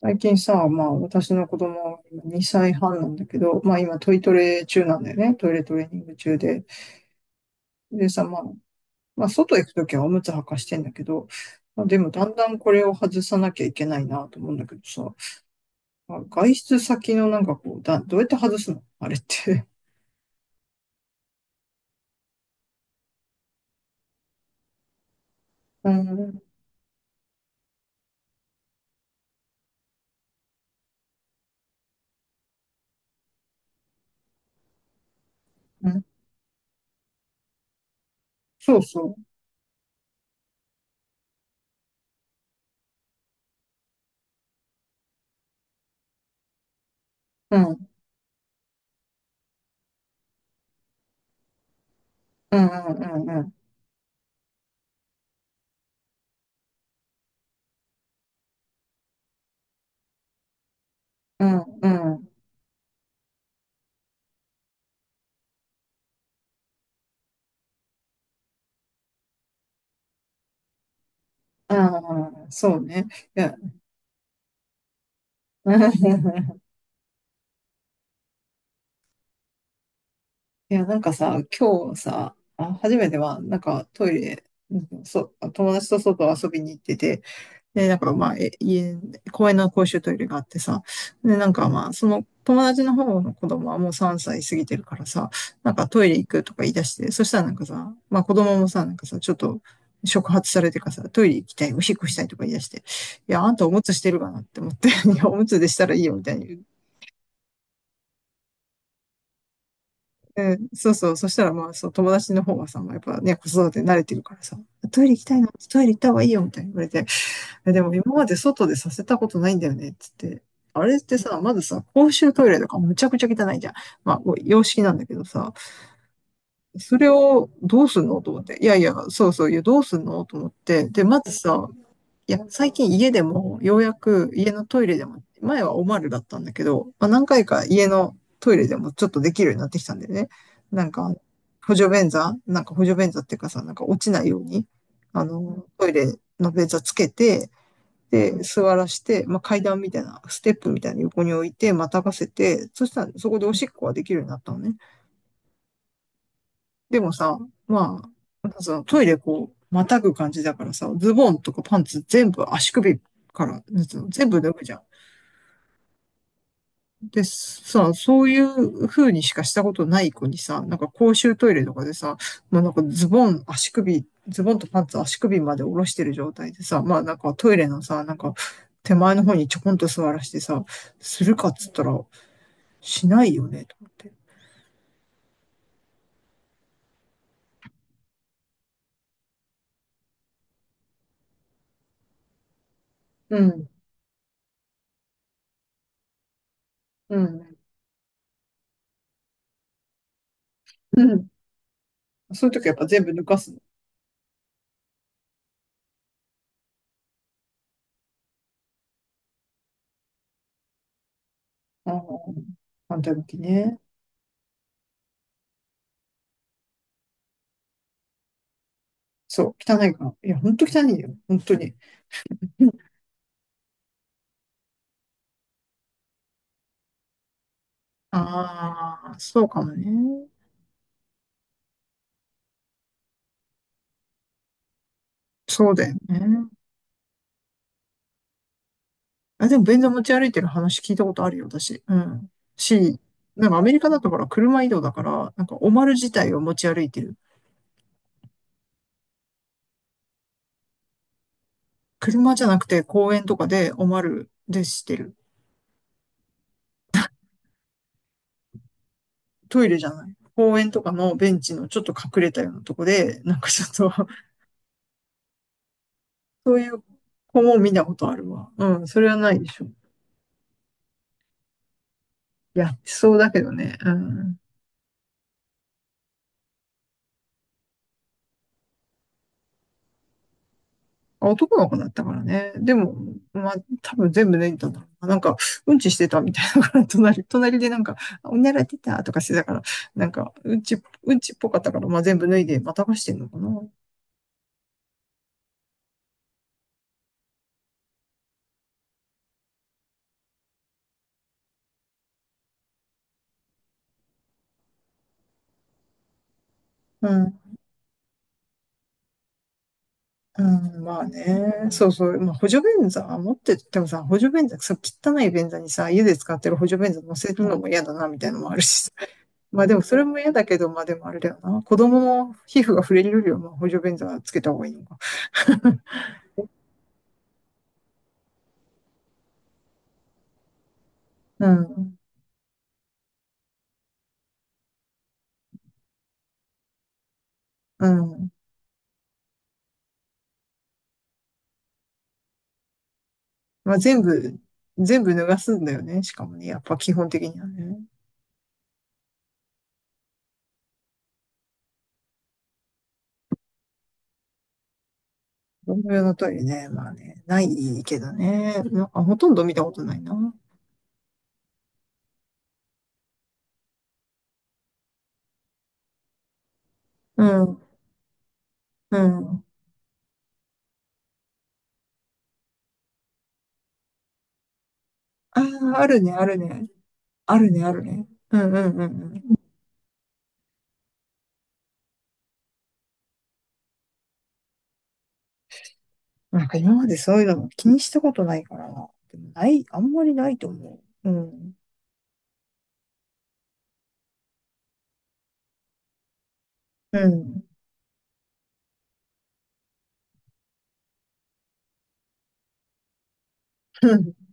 最近さ、まあ私の子供2歳半なんだけど、まあ今トイトレ中なんだよね。トイレトレーニング中で。でさ、まあ、まあ外行くときはおむつ履かしてんだけど、まあでもだんだんこれを外さなきゃいけないなと思うんだけどさ、まあ外出先のなんかこう、どうやって外すのあれって。うん、うん、そうそう。うん、うん、うん、うん、うん、うん、うん、うんそうね。いや、いや、なんかさ、今日さ、あ、初めては、なんかトイレ、うんそう、友達と外遊びに行ってて、で、なんかまあ、公園の公衆トイレがあってさ、で、なんかまあ、その友達の方の子供はもう3歳過ぎてるからさ、なんかトイレ行くとか言い出して、そしたらなんかさ、まあ子供もさ、なんかさ、ちょっと触発されてかさ、トイレ行きたい、おしっこしたいとか言い出して、いや、あんたおむつしてるかなって思って、いや、おむつでしたらいいよみたいに。うん、そうそう。そしたらまあ、そう、友達の方はさ、まあやっぱね、子育て慣れてるからさ、トイレ行きたいな、トイレ行った方がいいよ、みたいに言われて、えでも今まで外でさせたことないんだよね、っつって。あれってさ、まずさ、公衆トイレとかむちゃくちゃ汚いじゃん。まあ、こう洋式なんだけどさ、それをどうすんのと思って。いやいや、そうそう、いや、どうすんのと思って。で、まずさ、いや、最近家でも、ようやく家のトイレでも、前はおまるだったんだけど、まあ、何回か家のトイレでもちょっとできるようになってきたんだよね。なんか、補助便座っていうかさ、なんか落ちないように、トイレの便座つけて、で、座らして、まあ、階段みたいな、ステップみたいな横に置いて、またがせて、そしたらそこでおしっこはできるようになったのね。でもさ、まあ、なんかさ、トイレこう、またぐ感じだからさ、ズボンとかパンツ全部足首から、なんつうの全部脱ぐじゃん。で、さ、そういう風にしかしたことない子にさ、なんか公衆トイレとかでさ、もうなんかズボンとパンツ足首まで下ろしてる状態でさ、まあなんかトイレのさ、なんか手前の方にちょこんと座らしてさ、するかっつったら、しないよね、と思って。うん、うん、うん。そういう時はやっぱ全部抜かす。ああ、反対向きね。そう、汚いから。いや、ほんと汚いよ。本当に。ああ、そうかもね。そうだよね。あ、でも便座持ち歩いてる話聞いたことあるよ、私。うん。し、なんかアメリカだとほら、車移動だから、なんかおまる自体を持ち歩いてる。車じゃなくて公園とかでおまるでしてる。トイレじゃない。公園とかのベンチのちょっと隠れたようなとこで、なんかちょっと。 そういう子も見たことあるわ。うん、それはないでしょ。やってそうだけどね。うん。男の子だったからね。でも、まあ、多分全部脱いだんだろうな。なんか、うんちしてたみたいなから、隣でなんか、おなら出たとかしてたから、なんか、うんちっぽかったから、まあ全部脱いで、またがしてんのかな。うん。うん、まあね。そうそう。まあ、補助便座持っててもさ、補助便座、さ、汚い便座にさ、家で使ってる補助便座乗せるのも嫌だな、みたいなのもあるしさ。まあでもそれも嫌だけど、まあでもあれだよな。子供の皮膚が触れるよりは、まあ補助便座つけた方がいいのか。うん。うん。まあ、全部脱がすんだよね。しかもね、やっぱ基本的にはね。同僚のトイレね、まあね、ないけどね。なんかほとんど見たことないな。うん。うん。ああ、あるね、あるね。あるね、あるね。うんうんうんうん。なんか今までそういうのも気にしたことないからな。でもない、あんまりないと思う。うん。うん。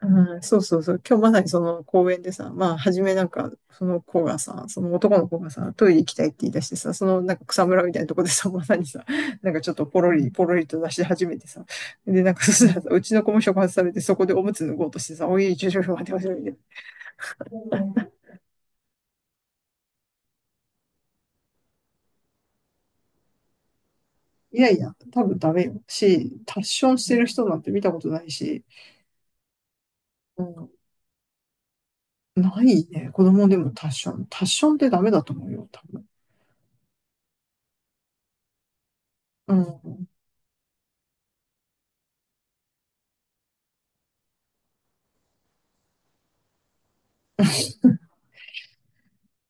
うん、そうそうそう。今日まさにその公園でさ、まあ、初めなんか、その子がさ、その男の子がさ、トイレ行きたいって言い出してさ、そのなんか草むらみたいなとこでさ、まさにさ、なんかちょっとポロリと出し始めてさ、で、なんかそしたらさ、うちの子も触発されて、そこでおむつ脱ごうとしてさ、おい、ちょちょちょ、待て待て待て。いやいや、多分ダメよ。し、タッションしてる人なんて見たことないし、うん、ないね。子供でもタッション。タッションってダメだと思うよ、多分。うん。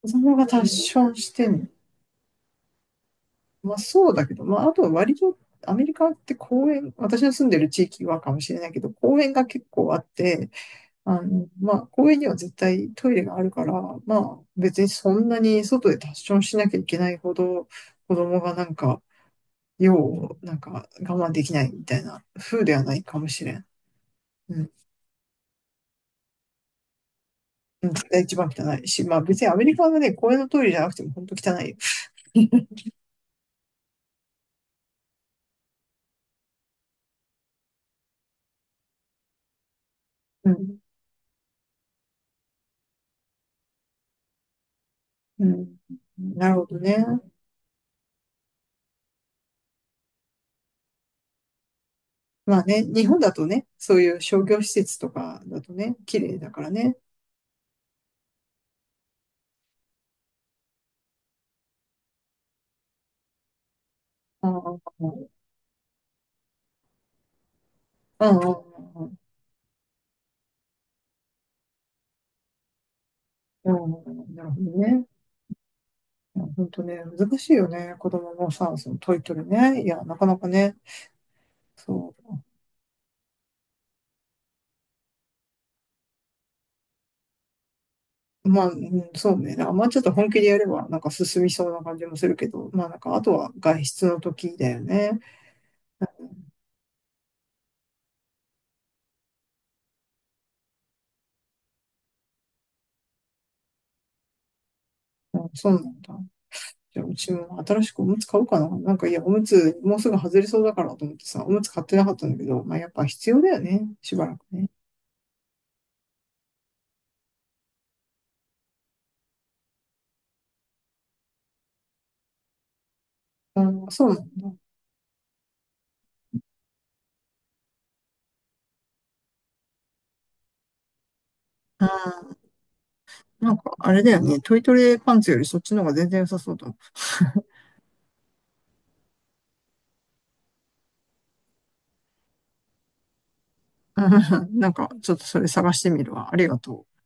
子供がタッションしてんの？まあそうだけど、まああとは割とアメリカって公園、私の住んでる地域はかもしれないけど、公園が結構あって、まあ公園には絶対トイレがあるから、まあ別にそんなに外でタッションしなきゃいけないほど子供がなんか、用をなんか我慢できないみたいな風ではないかもしれん。うん。うん絶対一番汚いし、まあ別にアメリカのね、公園のトイレじゃなくても本当汚いよ。うん。うん。なるほどね。まあね、日本だとね、そういう商業施設とかだとね、綺麗だからね。ああ、ああ、ああ、ああ、なるほどね。いや本当ね、難しいよね。子供のさ、そのトイトレね。いや、なかなかね、そう。まあ、うんそうね。あんまちょっと本気でやれば、なんか進みそうな感じもするけど、まあなんか、あとは外出の時だよね。うん、そうなんだ。じゃあ、うちも新しくおむつ買おうかな。なんか、いや、おむつ、もうすぐ外れそうだからと思ってさ、おむつ買ってなかったんだけど、まあやっぱ必要だよね。しばらくね。うん、そうなの。うんなんか、あれだよね。トイトレパンツよりそっちの方が全然良さそうだもん。うんなんか、ちょっとそれ探してみるわ。ありがとう。